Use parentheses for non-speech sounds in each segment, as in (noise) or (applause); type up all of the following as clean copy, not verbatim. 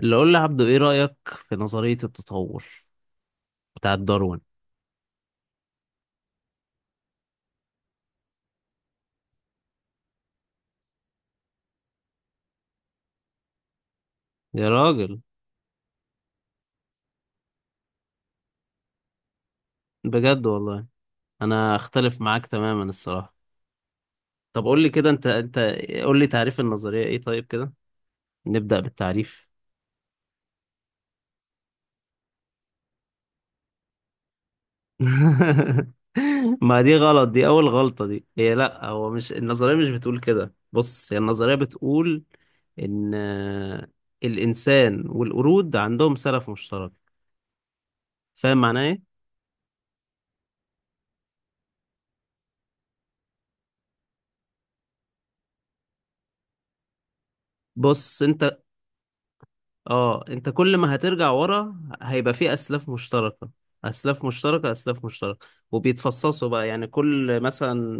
اللي قول لي عبدو، ايه رأيك في نظرية التطور بتاعت داروين؟ يا راجل، بجد والله. انا اختلف معاك تماما الصراحة. طب قول لي كده، انت قول لي تعريف النظرية ايه؟ طيب كده، نبدأ بالتعريف. (laughs) ما دي غلط، دي اول غلطة، دي هي، لا، هو مش النظرية مش بتقول كده. بص، هي النظرية بتقول ان الانسان والقرود عندهم سلف مشترك. فاهم معناه ايه؟ بص انت، اه انت كل ما هترجع ورا هيبقى في اسلاف مشتركه، اسلاف مشتركه اسلاف مشتركه، وبيتفصصوا بقى. يعني كل مثلا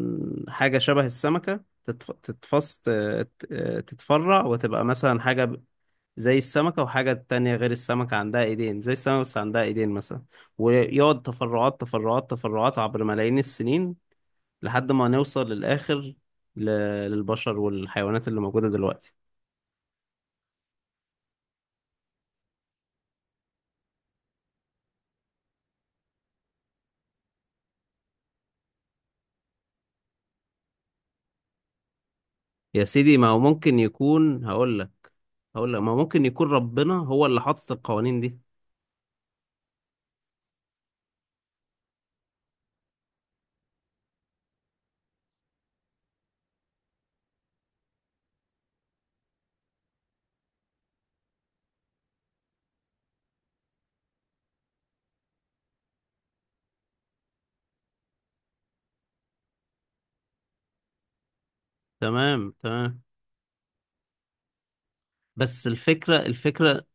حاجه شبه السمكه تتفرع، وتبقى مثلا زي السمكه، وحاجه تانية غير السمكه عندها ايدين زي السمكه بس عندها ايدين مثلا. ويقعد تفرعات تفرعات تفرعات عبر ملايين السنين، لحد ما نوصل للاخر، ل... للبشر والحيوانات اللي موجوده دلوقتي. يا سيدي، ما هو ممكن يكون، هقول لك ما ممكن يكون ربنا هو اللي حاطط القوانين دي. تمام، تمام. بس الفكرة الفكرة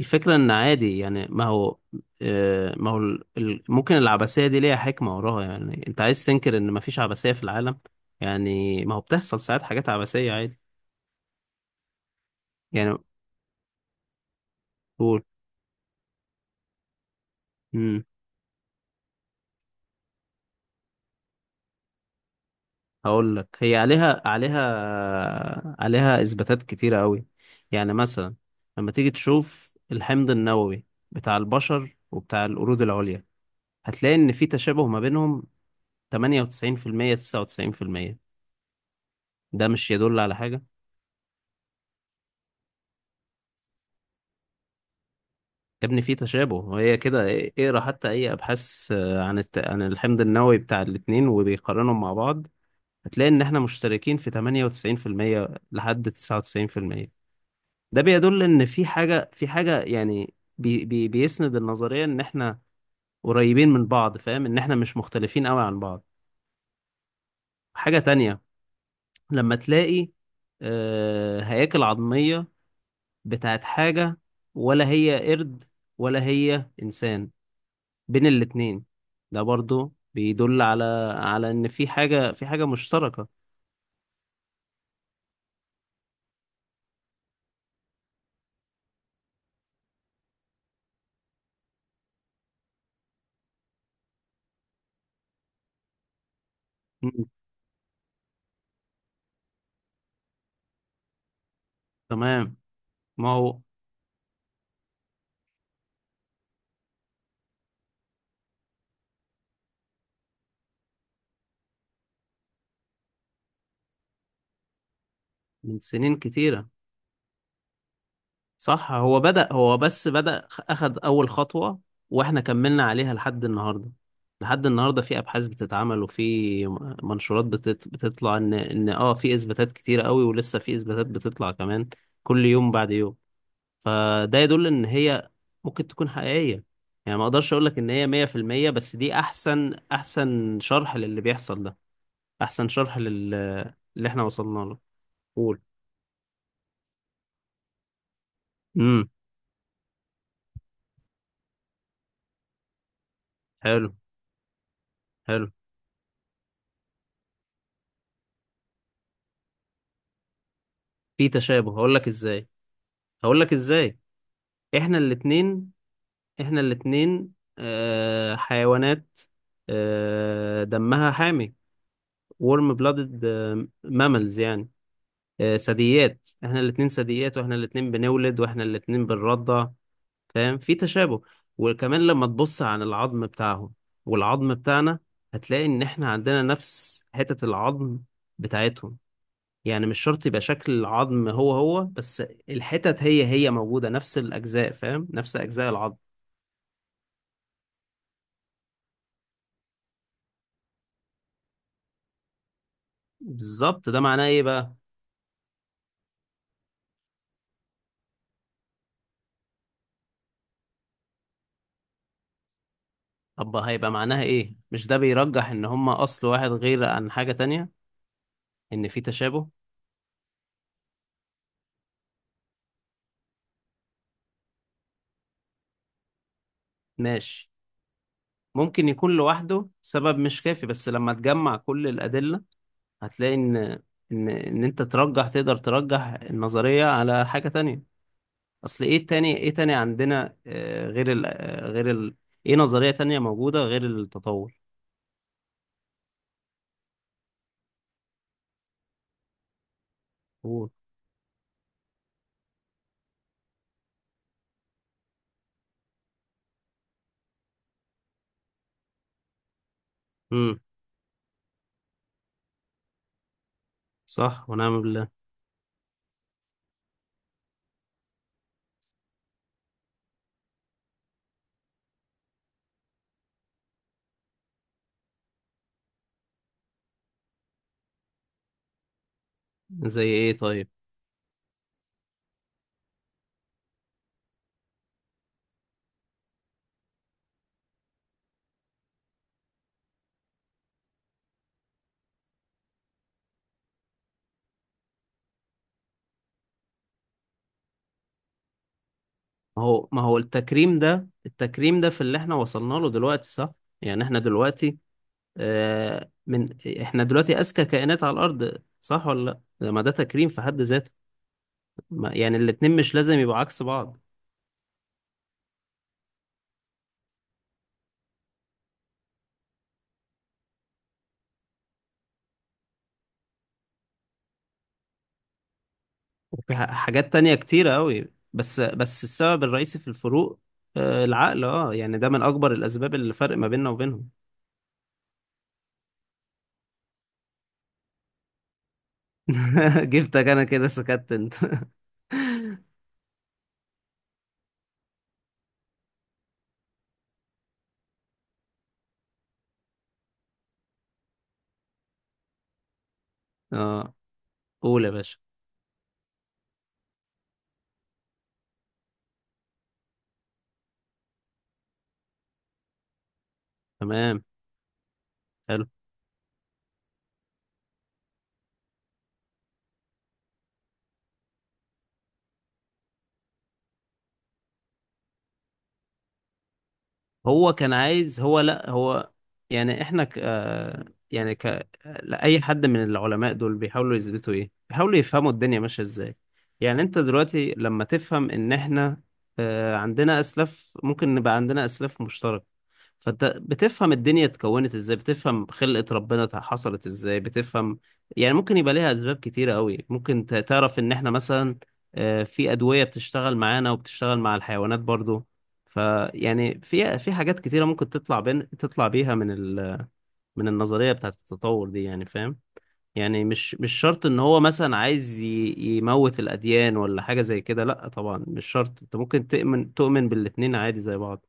الفكرة ان عادي. يعني ما هو، ما هو ممكن العبثية دي ليها حكمة وراها. يعني انت عايز تنكر ان ما فيش عبثية في العالم؟ يعني ما هو بتحصل ساعات حاجات عبثية عادي. يعني قول. امم هقول لك هي عليها اثباتات كتيرة قوي. يعني مثلا لما تيجي تشوف الحمض النووي بتاع البشر وبتاع القرود العليا، هتلاقي ان في تشابه ما بينهم، 98% 99%. ده مش يدل على حاجة؟ يا ابني في تشابه، وهي كده. اقرا حتى اي ابحاث عن عن الحمض النووي بتاع الاتنين وبيقارنهم مع بعض، هتلاقي ان احنا مشتركين في 98% لحد 99%. ده بيدل ان في حاجة يعني بيسند النظرية ان احنا قريبين من بعض. فاهم ان احنا مش مختلفين قوي عن بعض؟ حاجة تانية، لما تلاقي هياكل عظمية بتاعت حاجة، ولا هي قرد ولا هي إنسان، بين الاتنين، ده برضو بيدل على، إن في حاجة مشتركة. مم. تمام. ما هو من سنين كتيرة. صح، هو بدأ، هو بس بدأ، أخد أول خطوة، وإحنا كملنا عليها لحد النهاردة. لحد النهاردة في أبحاث بتتعمل، وفي منشورات بتطلع إن في إثباتات كتيرة قوي، ولسه في إثباتات بتطلع كمان كل يوم بعد يوم. فده يدل ان هي ممكن تكون حقيقية. يعني ما اقدرش اقول لك ان هي 100%، بس دي احسن شرح للي بيحصل ده، احسن شرح اللي احنا وصلنا له. قول. امم. حلو، حلو. في تشابه. هقول لك ازاي. احنا الاتنين احنا الاتنين حيوانات، دمها حامي، ورم بلادد، ماملز يعني. ثدييات. احنا الاتنين ثدييات، واحنا الاتنين بنولد، واحنا الاتنين بنرضع. فاهم؟ في تشابه. وكمان لما تبص عن العظم بتاعهم والعظم بتاعنا، هتلاقي ان احنا عندنا نفس حتة العظم بتاعتهم. يعني مش شرط يبقى شكل العظم هو هو، بس الحتت هي هي موجودة، نفس الأجزاء. فاهم؟ نفس أجزاء العظم. بالظبط. ده معناه ايه بقى؟ طب هيبقى معناها ايه؟ مش ده بيرجح ان هما أصل واحد، غير عن حاجة تانية ان في تشابه؟ ماشي. ممكن يكون لوحده سبب مش كافي، بس لما تجمع كل الأدلة، هتلاقي ان ان ان انت ترجح، تقدر ترجح النظرية على حاجة تانية. اصل ايه تاني؟ ايه تاني عندنا غير غير ايه نظرية تانية موجودة غير التطور؟ قول. امم. صح ونعم بالله. زي ايه طيب؟ ما هو التكريم ده في اللي احنا وصلنا له دلوقتي، صح؟ يعني آه، من احنا دلوقتي اذكى كائنات على الارض، صح ولا لا؟ ما ده تكريم في حد ذاته. يعني الاتنين مش لازم يبقوا عكس بعض. وفي حاجات تانية كتيرة أوي، بس السبب الرئيسي في الفروق، العقل. اه يعني ده من أكبر الأسباب اللي فرق ما بيننا وبينهم. (laughs) جبتك أنا كده، سكت أنت. (laughs) اه، قول يا باشا. تمام. حلو. هو كان عايز، هو، لا، هو يعني احنا يعني لا، اي حد من العلماء دول بيحاولوا يثبتوا ايه، بيحاولوا يفهموا الدنيا ماشيه ازاي. يعني انت دلوقتي لما تفهم ان احنا عندنا اسلاف، ممكن نبقى عندنا اسلاف مشتركه، فانت بتفهم الدنيا اتكونت ازاي، بتفهم خلقة ربنا حصلت ازاي، بتفهم يعني ممكن يبقى ليها اسباب كتيرة قوي. ممكن تعرف ان احنا مثلا في ادوية بتشتغل معانا وبتشتغل مع الحيوانات برضو. فيعني في حاجات كتيرة ممكن تطلع بيها من من النظرية بتاعت التطور دي. يعني فاهم؟ يعني مش شرط ان هو مثلا عايز يموت الاديان ولا حاجة زي كده. لا طبعا، مش شرط. انت ممكن تؤمن بالاتنين عادي زي بعض.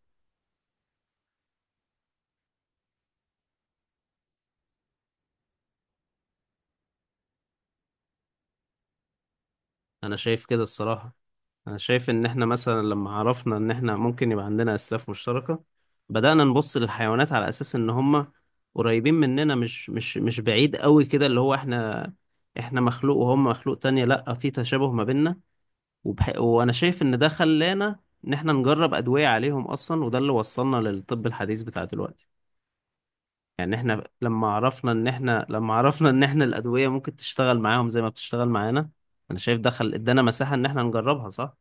انا شايف كده الصراحة. انا شايف ان احنا مثلا لما عرفنا ان احنا ممكن يبقى عندنا اسلاف مشتركة، بدأنا نبص للحيوانات على اساس ان هم قريبين مننا، مش بعيد قوي كده اللي هو، احنا مخلوق وهم مخلوق تانية، لا في تشابه ما بيننا. وانا شايف ان ده خلانا ان احنا نجرب ادوية عليهم اصلا، وده اللي وصلنا للطب الحديث بتاع دلوقتي. يعني احنا لما عرفنا ان احنا الادوية ممكن تشتغل معاهم زي ما بتشتغل معانا. انا شايف دخل ادانا مساحة ان احنا نجربها، صح.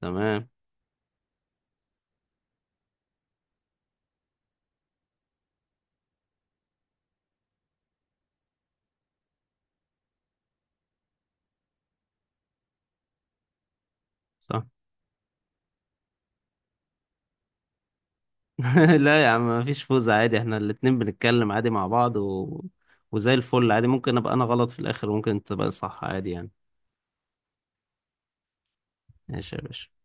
تمام، صح. (laughs) لا يا عم، مفيش فوز عادي. احنا الاتنين بنتكلم عادي مع بعض وزي الفل عادي. ممكن ابقى انا غلط في الاخر، وممكن انت تبقى صح، عادي يعني. ماشي يا باشا.